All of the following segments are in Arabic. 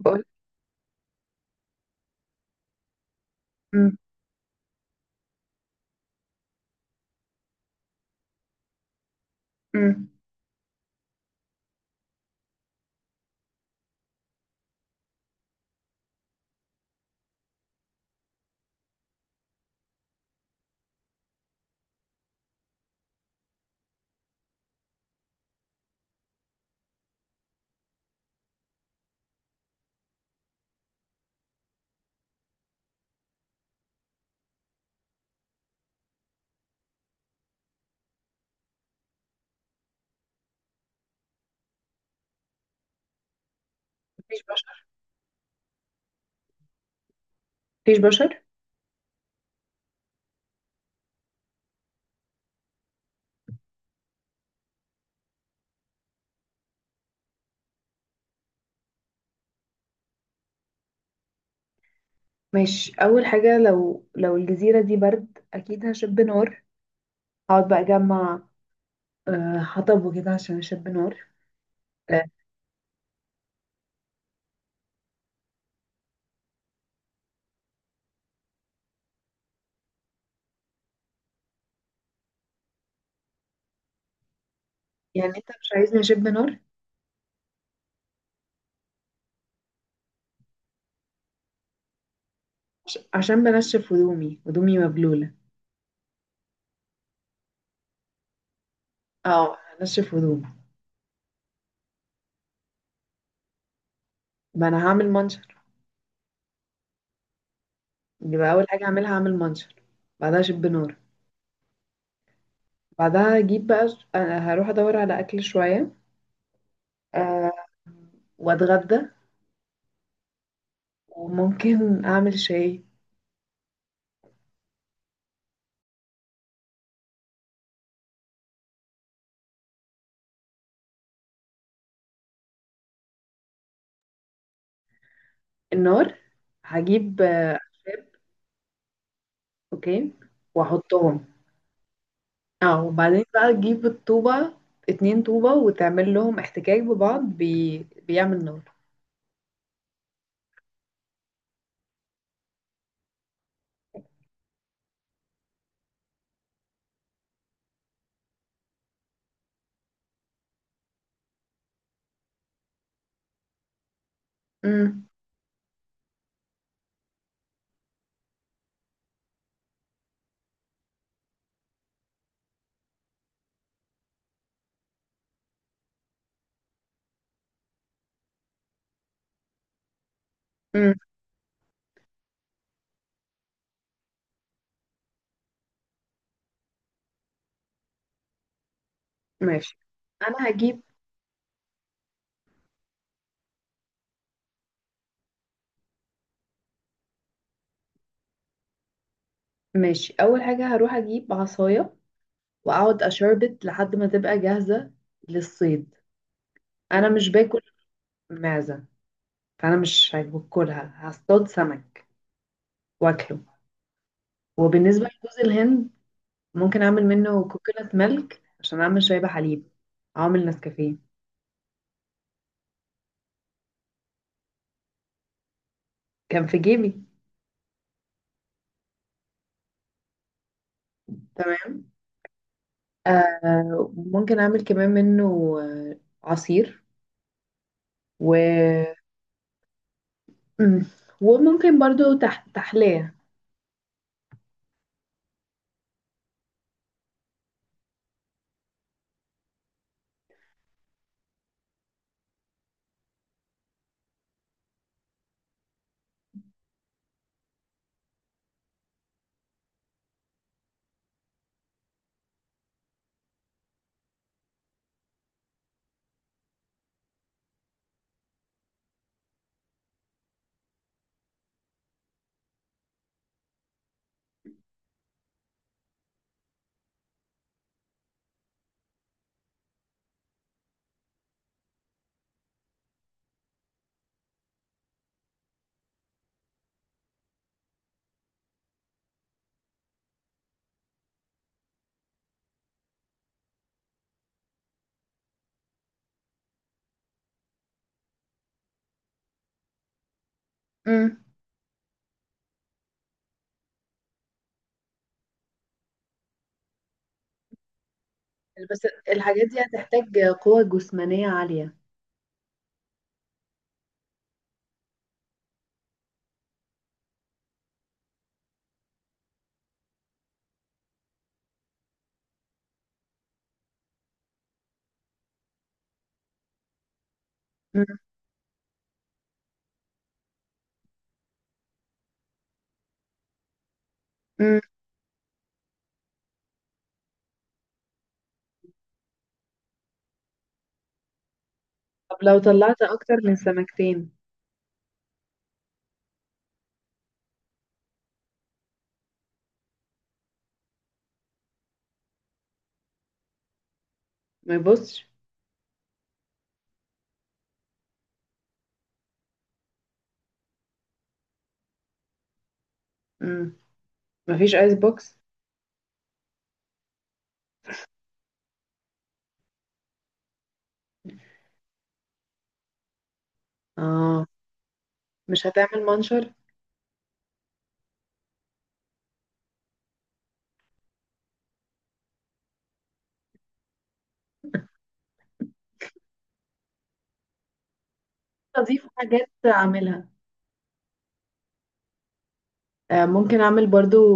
بقول. مم. مم. مفيش بشر. مفيش بشر. ماشي، اول حاجه لو الجزيره دي برد اكيد هشب نار. هقعد بقى اجمع حطب وكده عشان اشب نار. آه، يعني انت مش عايزني اشب نار؟ عشان بنشف هدومي. مبلوله. اه هنشف هدومي. ما انا هعمل منشر. يبقى اول حاجه هعملها هعمل منشر. بعدها اشب نار. بعدها اجيب بقى. أنا هروح ادور على اكل شويه. آه، واتغدى. وممكن اعمل شاي. النار هجيب. اوكي، واحطهم. اه وبعدين بقى تجيب الطوبة. اتنين طوبة وتعمل لهم احتكاك ببعض بيعمل نار. امم. امم ماشي. انا هجيب. ماشي، اول حاجة هروح اجيب عصاية واقعد اشربت لحد ما تبقى جاهزة للصيد. انا مش باكل معزة، فانا مش هاكلها. هصطاد سمك واكله. وبالنسبة لجوز الهند، ممكن اعمل منه كوكونات ميلك عشان اعمل شاي بحليب. اعمل نسكافيه. كان في جيبي. تمام. آه ممكن اعمل كمان منه آه، عصير و مم. وممكن برضو تحلية. مم. بس الحاجات دي هتحتاج قوة جسمانية عالية. مم. مم. طب لو طلعت اكتر من سمكتين؟ ما يبصش. مم. مفيش ايس بوكس. اه مش هتعمل منشر. اضيف حاجات اعملها. آه ممكن اعمل برضو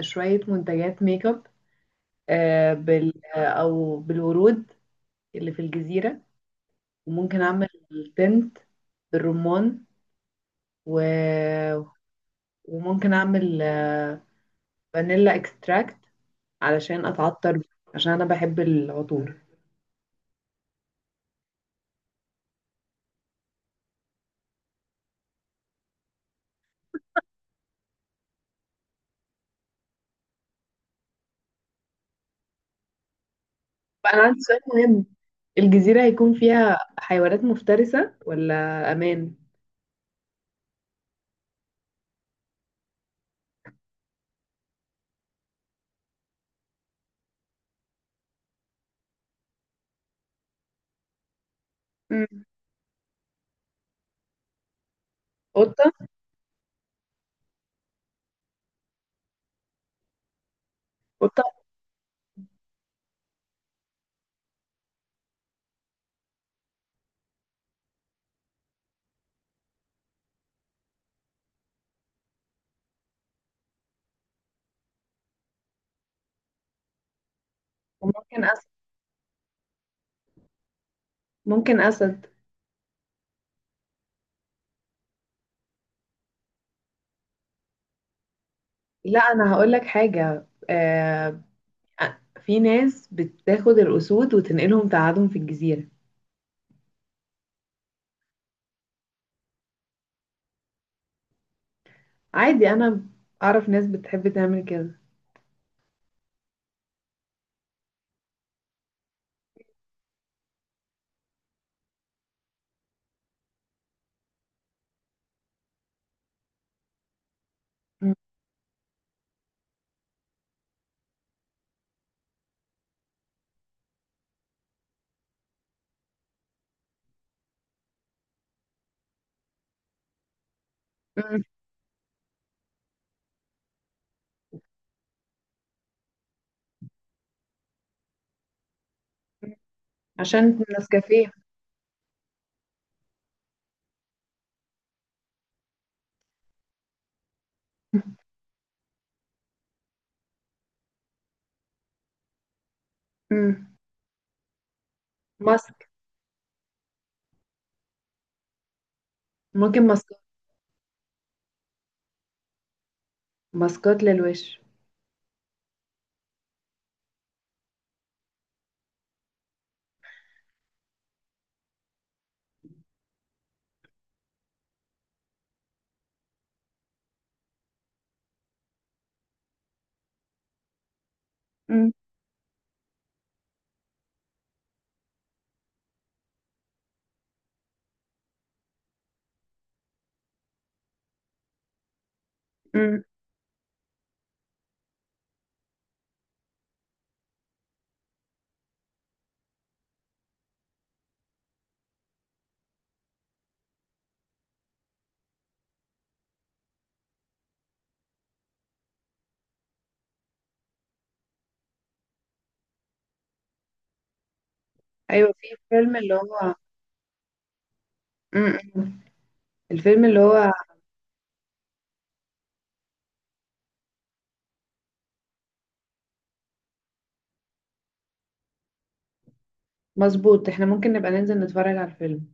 شوية منتجات ميك اب. آه بال... آه، او بالورود اللي في الجزيرة. وممكن اعمل تنت بالرمان و... وممكن اعمل فانيلا اكستراكت علشان اتعطر بيه، عشان انا بحب العطور. فانا عندي سؤال مهم، الجزيرة هيكون فيها حيوانات مفترسة ولا امان؟ مم. قطة. قطة. وممكن اسد. ممكن اسد. لا انا هقول لك حاجة. في ناس بتاخد الاسود وتنقلهم تقعدهم في الجزيرة. عادي، انا اعرف ناس بتحب تعمل كده. مم. عشان نسكافيه. امم. ماسك. ممكن ماسكات. ماسكات للوش. مم. امم. ايوه في فيلم اللي هو. امم. الفيلم اللي هو. مظبوط، احنا ممكن نبقى ننزل نتفرج على الفيلم.